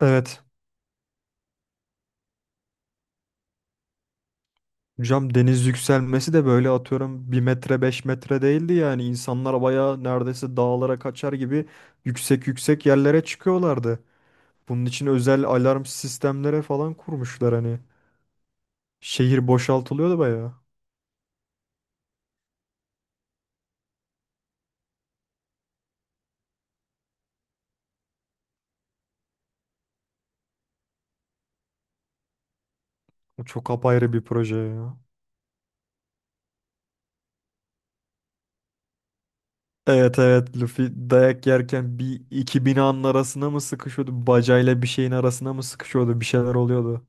Evet. Hocam, deniz yükselmesi de böyle atıyorum bir metre 5 metre değildi, yani insanlar bayağı neredeyse dağlara kaçar gibi yüksek yüksek yerlere çıkıyorlardı. Bunun için özel alarm sistemlere falan kurmuşlar hani. Şehir boşaltılıyordu bayağı. O çok apayrı bir proje ya. Evet, evet, Luffy dayak yerken bir iki binanın arasına mı sıkışıyordu? Bacayla bir şeyin arasına mı sıkışıyordu? Bir şeyler oluyordu.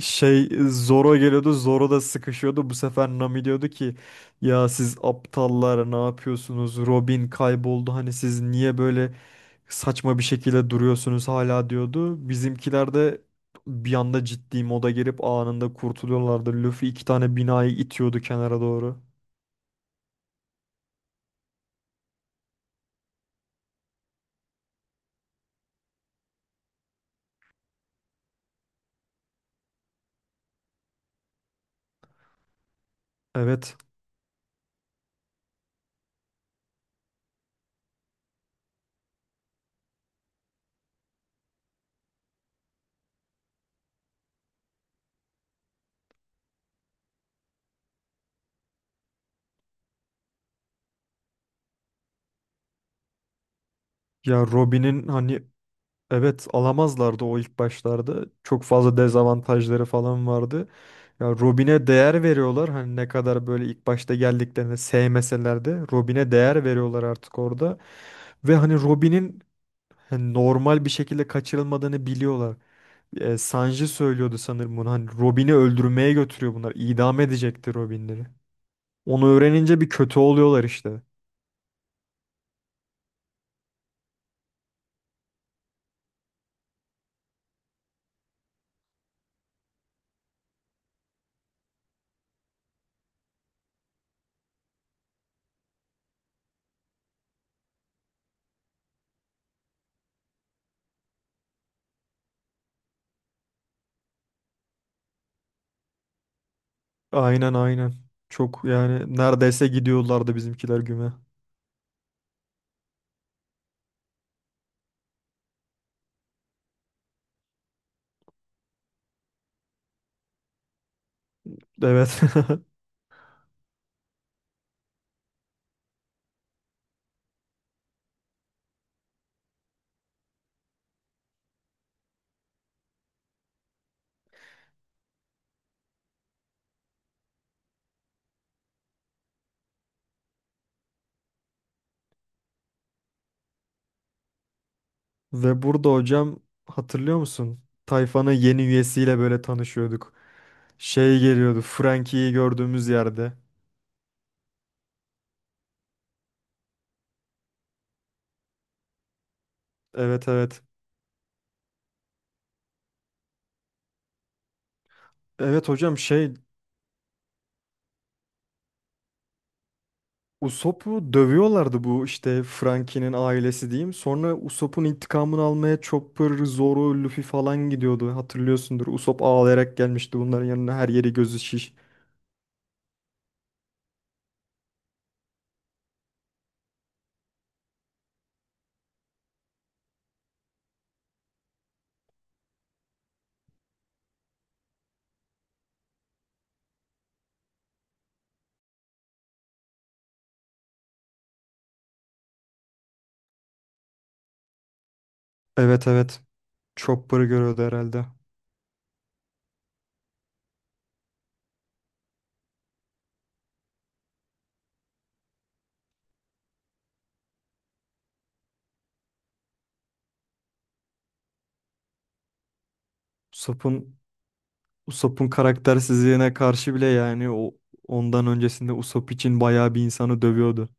Zoro geliyordu. Zoro da sıkışıyordu. Bu sefer Nami diyordu ki ya siz aptallar ne yapıyorsunuz? Robin kayboldu. Hani siz niye böyle saçma bir şekilde duruyorsunuz hala diyordu. Bizimkiler de bir anda ciddi moda girip anında kurtuluyorlardı. Luffy iki tane binayı itiyordu kenara doğru. Evet. Ya Robin'in hani... Evet, alamazlardı o ilk başlarda. Çok fazla dezavantajları falan vardı. Ya Robin'e değer veriyorlar. Hani ne kadar böyle ilk başta geldiklerinde sevmeseler de Robin'e değer veriyorlar artık orada. Ve hani Robin'in hani normal bir şekilde kaçırılmadığını biliyorlar. E, Sanji söylüyordu sanırım bunu. Hani Robin'i öldürmeye götürüyor bunlar. İdam edecekti Robin'leri. Onu öğrenince bir kötü oluyorlar işte. Aynen, aynen. Çok, yani neredeyse gidiyorlardı bizimkiler güme. Evet. Ve burada hocam, hatırlıyor musun? Tayfanın yeni üyesiyle böyle tanışıyorduk. Şey geliyordu Frankie'yi gördüğümüz yerde. Evet, evet. Evet hocam, şey, Usopp'u dövüyorlardı bu, işte Frankie'nin ailesi diyeyim. Sonra Usopp'un intikamını almaya Chopper, Zoro, Luffy falan gidiyordu. Hatırlıyorsundur. Usopp ağlayarak gelmişti bunların yanına, her yeri gözü şiş. Evet, evet. Chopper'ı görüyordu herhalde. Usopp'un Usopp'un karaktersizliğine karşı bile, yani o ondan öncesinde Usopp için bayağı bir insanı dövüyordu.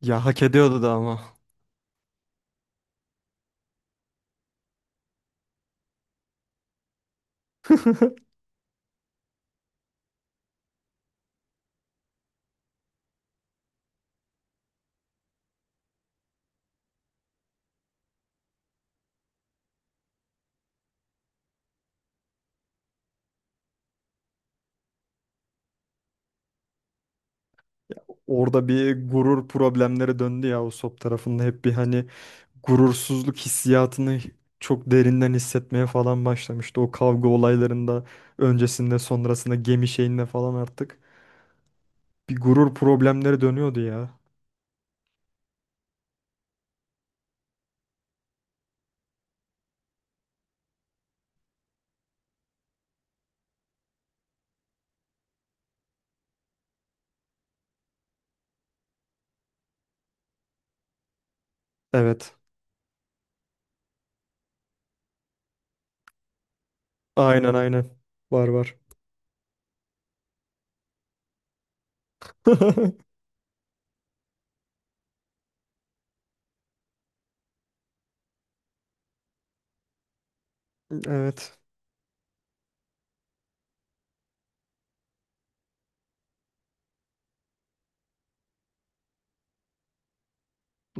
Ya hak ediyordu da ama. Orada bir gurur problemleri döndü ya. Usopp tarafında hep bir, hani, gurursuzluk hissiyatını çok derinden hissetmeye falan başlamıştı. O kavga olaylarında öncesinde sonrasında gemi şeyinde falan artık bir gurur problemleri dönüyordu ya. Evet. Aynen, aynen. Var, var. Evet.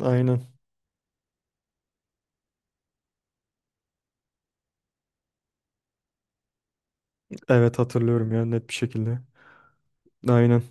Aynen. Evet, hatırlıyorum ya, net bir şekilde. Aynen.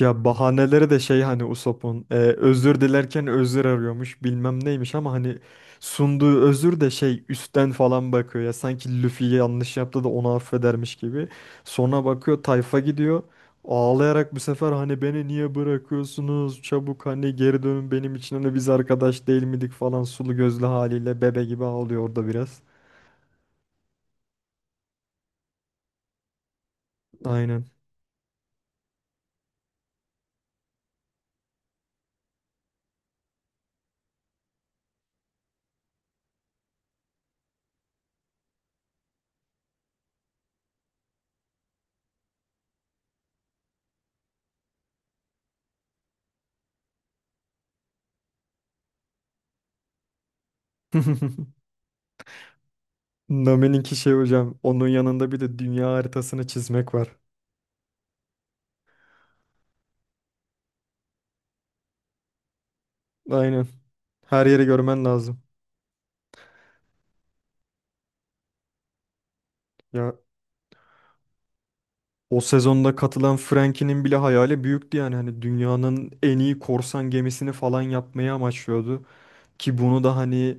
Ya, bahaneleri de şey, hani Usopp'un özür dilerken özür arıyormuş bilmem neymiş, ama hani sunduğu özür de şey, üstten falan bakıyor ya, sanki Luffy yanlış yaptı da onu affedermiş gibi. Sonra bakıyor tayfa gidiyor, ağlayarak bu sefer hani beni niye bırakıyorsunuz çabuk hani geri dönün benim için hani biz arkadaş değil miydik falan, sulu gözlü haliyle bebe gibi ağlıyor orada biraz. Aynen. Nami'ninki şey hocam, onun yanında bir de dünya haritasını çizmek var. Aynen. Her yeri görmen lazım. Ya o sezonda katılan Frankie'nin bile hayali büyüktü, yani hani dünyanın en iyi korsan gemisini falan yapmayı amaçlıyordu ki bunu da hani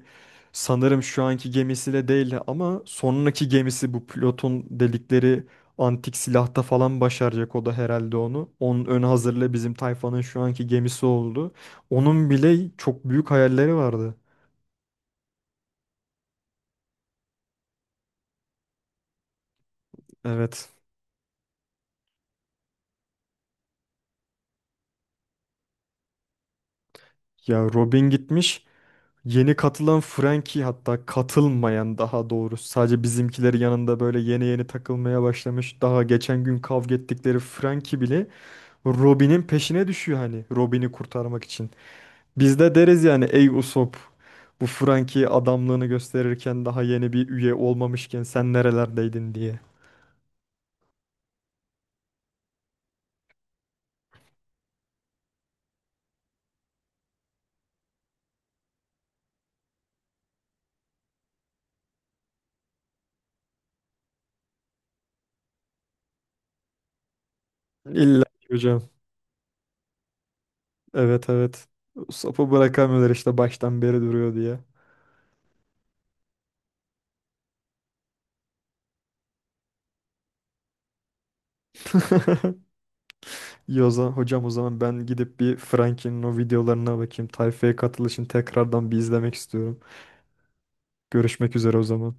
sanırım şu anki gemisiyle değil ama sonraki gemisi, bu Plut'un delikleri antik silahta falan başaracak o da herhalde onu. Onun ön hazırlığı bizim tayfanın şu anki gemisi oldu. Onun bile çok büyük hayalleri vardı. Evet. Ya Robin gitmiş. Yeni katılan Frankie, hatta katılmayan daha doğrusu, sadece bizimkileri yanında böyle yeni yeni takılmaya başlamış. Daha geçen gün kavga ettikleri Frankie bile Robin'in peşine düşüyor hani Robin'i kurtarmak için. Biz de deriz yani, ey Usopp, bu Frankie adamlığını gösterirken daha yeni bir üye olmamışken sen nerelerdeydin diye. İlla ki hocam, evet, evet, Usopp'u bırakamıyorlar işte baştan beri duruyor diye. İyi, o zaman hocam, o zaman ben gidip bir Frankie'nin o videolarına bakayım. Tayfa'ya katılışını tekrardan bir izlemek istiyorum. Görüşmek üzere o zaman.